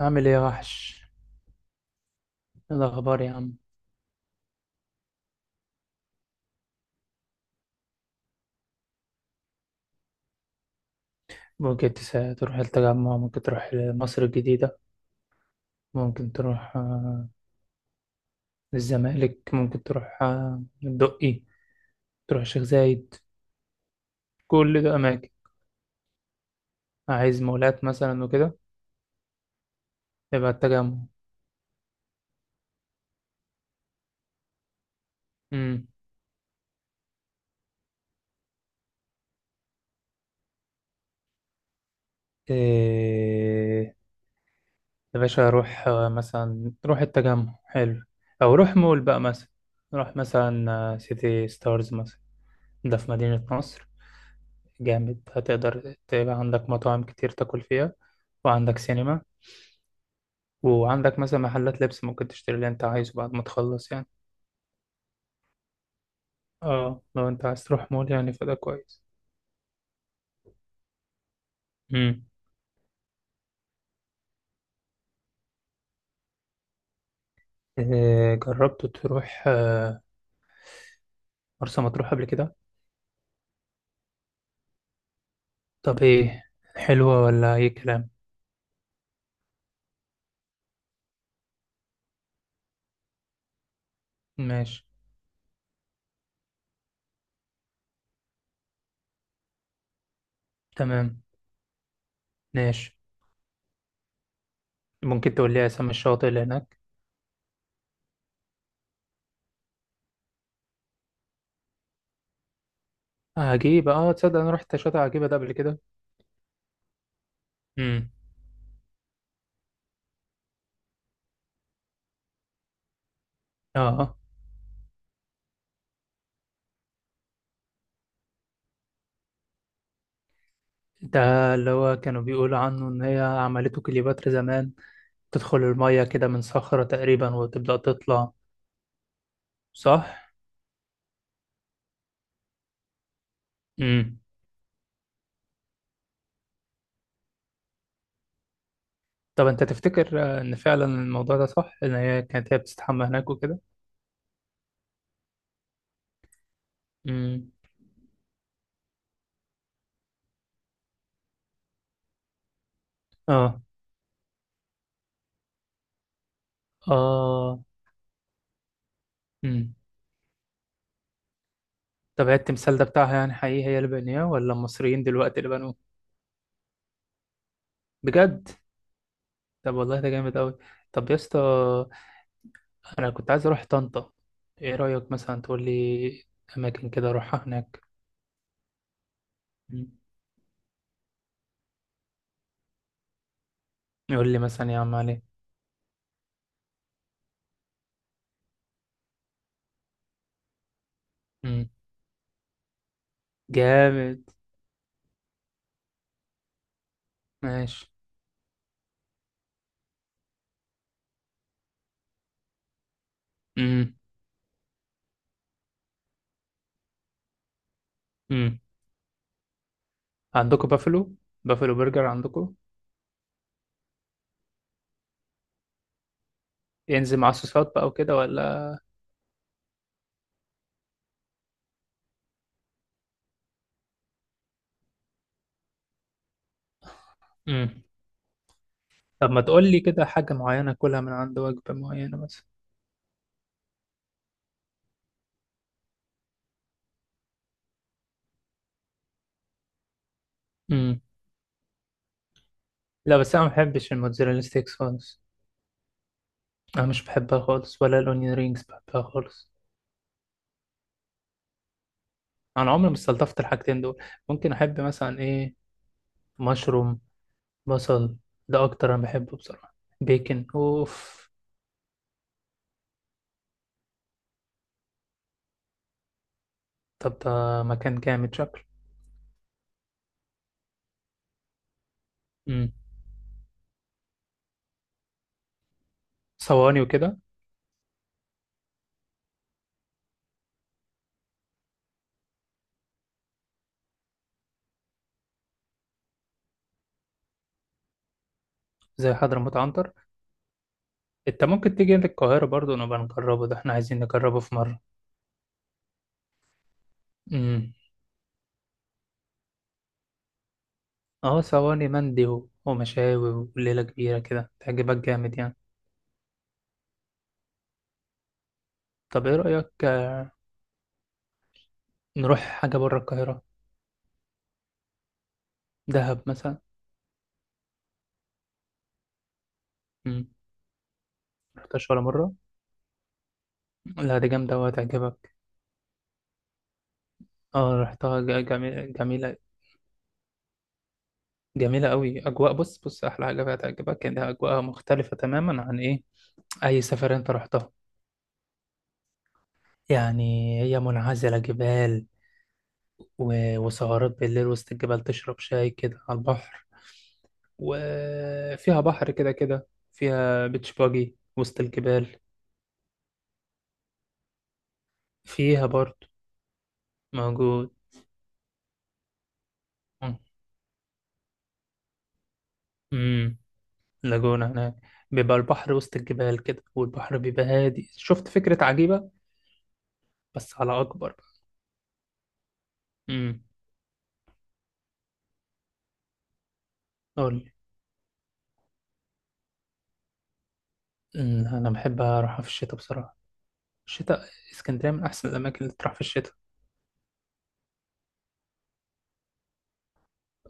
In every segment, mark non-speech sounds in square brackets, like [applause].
عامل ايه يا وحش؟ إيه الاخبار يا عم؟ ممكن تروح التجمع، ممكن تروح مصر الجديدة، ممكن تروح الزمالك، ممكن تروح الدقي، تروح الشيخ زايد. كل ده اماكن. عايز مولات مثلا وكده؟ يبقى التجمع. امم. إيه؟ يا باشا روح مثلا، روح التجمع، حلو. او روح مول بقى مثلا، روح مثلا سيتي ستارز مثلا. ده في مدينة نصر، جامد. هتقدر تبقى عندك مطاعم كتير تاكل فيها، وعندك سينما، وعندك مثلا محلات لبس ممكن تشتري اللي انت عايزه بعد ما تخلص يعني. اه لو انت عايز تروح مول يعني فده كويس. امم. إيه؟ جربت تروح مرسى مطروح قبل كده؟ طب ايه، حلوة ولا اي كلام؟ ماشي. تمام. ماشي. ممكن تقول لي اسامي الشواطئ اللي هناك؟ عجيبة، اه، تصدق انا رحت شاطئ عجيبة ده قبل كده. امم. اه. ده اللي هو كانوا بيقولوا عنه ان هي عملته كليوباترا زمان. تدخل المية كده من صخرة تقريبا وتبدأ تطلع. صح؟ امم. طب انت تفتكر ان فعلا الموضوع ده صح ان هي كانت هي بتستحمى هناك وكده؟ امم. اه. اه. امم. طب هي التمثال ده بتاعها يعني حقيقي هي اللي بنياه ولا المصريين دلوقتي اللي بنوه؟ بجد؟ طب والله ده جامد قوي. طب يا اسطى، انا كنت عايز اروح طنطا. ايه رأيك مثلا تقول لي اماكن كده اروحها هناك؟ مم. يقول لي مثلا يا عم علي. مم. جامد. ماشي. امم. عندكم بافلو؟ بافلو برجر عندكم؟ ينزل مع صوصات بقى وكده ولا؟ امم. طب ما تقول لي كده حاجة معينة كلها من عند وجبة معينة مثلا. امم. لا بس انا ما بحبش الموتزاريلا ستيكس خالص. انا مش بحبها خالص، ولا الاونيون رينجز بحبها خالص. انا عمري ما استلطفت الحاجتين دول. ممكن احب مثلا ايه، مشروم، بصل، ده اكتر انا بحبه بصراحة. بيكن اوف. طب ده مكان جامد شكله. امم. صواني وكده؟ زي حضرموت عنتر. انت ممكن تيجي للقاهرة برضو نبقى نجربه، ده احنا عايزين نجربه في مرة. امم. اه صواني مندي ومشاوي وليلة كبيرة كده تعجبك جامد يعني. طب ايه رأيك نروح حاجة بره القاهرة؟ دهب مثلا. امم. رحتهاش ولا مرة؟ لا دي جامدة وهتعجبك. اه رحتها، جميلة جميلة، جميلة قوي اجواء. بص بص، احلى حاجة فيها هتعجبك انها اجواءها مختلفة تماما عن ايه، اي سفر انت رحتها. يعني هي منعزلة جبال، وسهرات بالليل وسط الجبال، تشرب شاي كده على البحر، وفيها بحر كده كده، فيها بيتش باجي وسط الجبال. فيها برضه موجود. امم. لاجونا هناك. بيبقى البحر وسط الجبال كده والبحر بيبقى هادي، شفت فكرة عجيبة. بس على أكبر بقى. امم. قول لي. أمم، أنا بحب أروحها في الشتاء بصراحة. الشتاء، اسكندرية من أحسن الأماكن اللي تروح في الشتاء.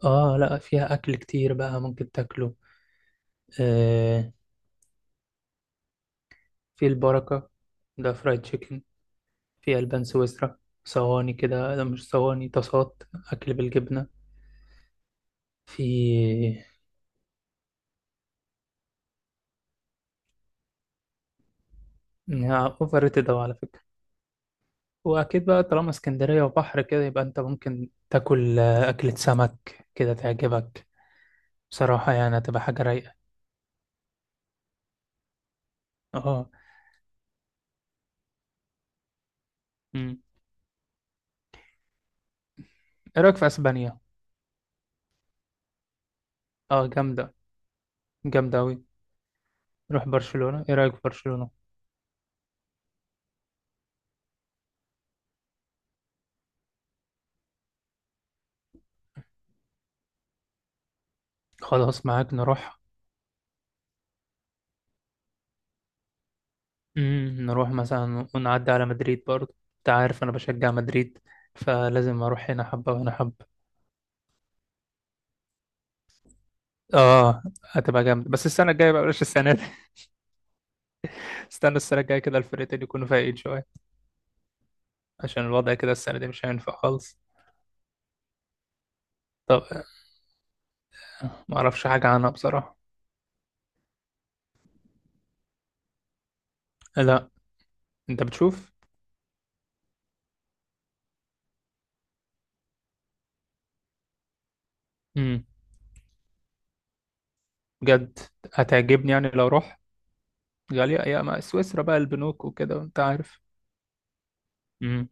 آه لأ، فيها أكل كتير بقى ممكن تاكله. آه. في البركة، ده فرايد تشيكن. في ألبان سويسرا، صواني كده، لا مش صواني، طاسات، أكل بالجبنة. في أوفر ريتد أوي على فكرة. وأكيد بقى طالما اسكندرية وبحر كده، يبقى أنت ممكن تاكل أكلة سمك كده تعجبك. بصراحة يعني هتبقى حاجة رايقة. اه. مم. إيه رأيك في أسبانيا؟ اه جامدة. جامدة أوي. نروح برشلونة، إيه رأيك في برشلونة؟ خلاص معاك نروح. مم. نروح مثلا ونعدي على مدريد، برضه أنت عارف أنا بشجع مدريد، فلازم أروح هنا حبة وهنا حبة. اه هتبقى جامد، بس السنة الجاية بقى، بلاش السنة دي. [laughs] استنى السنة الجاية كده الفرقتين يكونوا فايقين شوية. عشان الوضع كده السنة دي مش هينفع خالص. طب ما اعرفش حاجة عنها بصراحة. لا. انت بتشوف؟ امم. بجد. هتعجبني يعني لو روح. غالية يا ما، سويسرا بقى البنوك وكده وانت عارف. امم.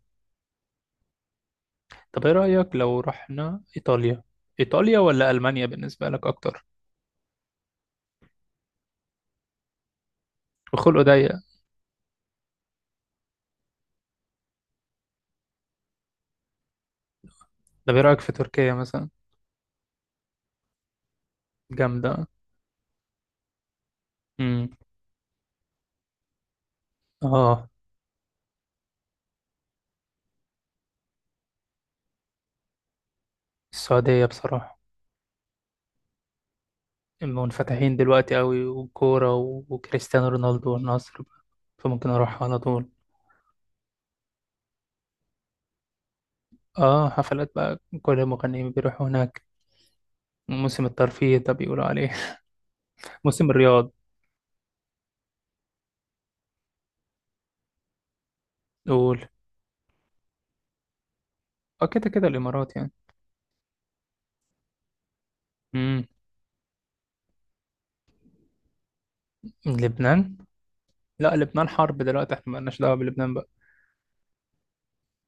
طب ايه رأيك لو رحنا ايطاليا؟ ايطاليا ولا المانيا بالنسبة لك اكتر؟ الخلق ضيق. طب ايه رأيك في تركيا مثلا؟ جامدة. امم. اه. السعودية بصراحة. منفتحين دلوقتي قوي، والكورة وكريستيانو رونالدو والنصر. فممكن أروح على طول. اه حفلات بقى، كل المغنيين بيروحوا هناك. موسم الترفيه ده بيقولوا عليه. [laughs] موسم الرياض. قول. اه كده كده الإمارات يعني. امم. لبنان؟ لا لبنان حرب دلوقتي، احنا مالناش دعوة بلبنان بقى.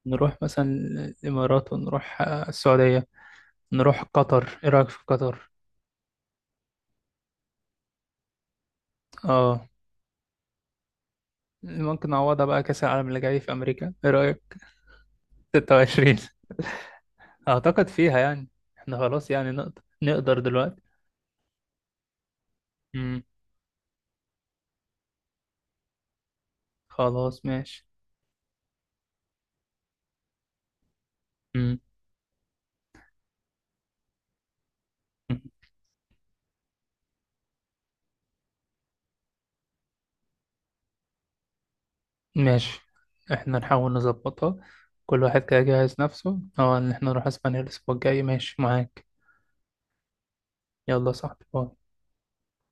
نروح مثلا الإمارات، ونروح السعودية، نروح قطر. ايه رأيك في قطر؟ اه. ممكن نعوضها بقى، كأس العالم اللي جاي في أمريكا، ايه رأيك؟ 26. اعتقد فيها يعني، احنا خلاص يعني نقدر، نقدر دلوقتي. امم. خلاص ماشي. امم. ماشي، احنا نحاول نظبطها. كل واحد كده يجهز نفسه، اه، ان احنا نروح اسبانيا الاسبوع الجاي. ماشي معاك. يلا يا صاحبي باي.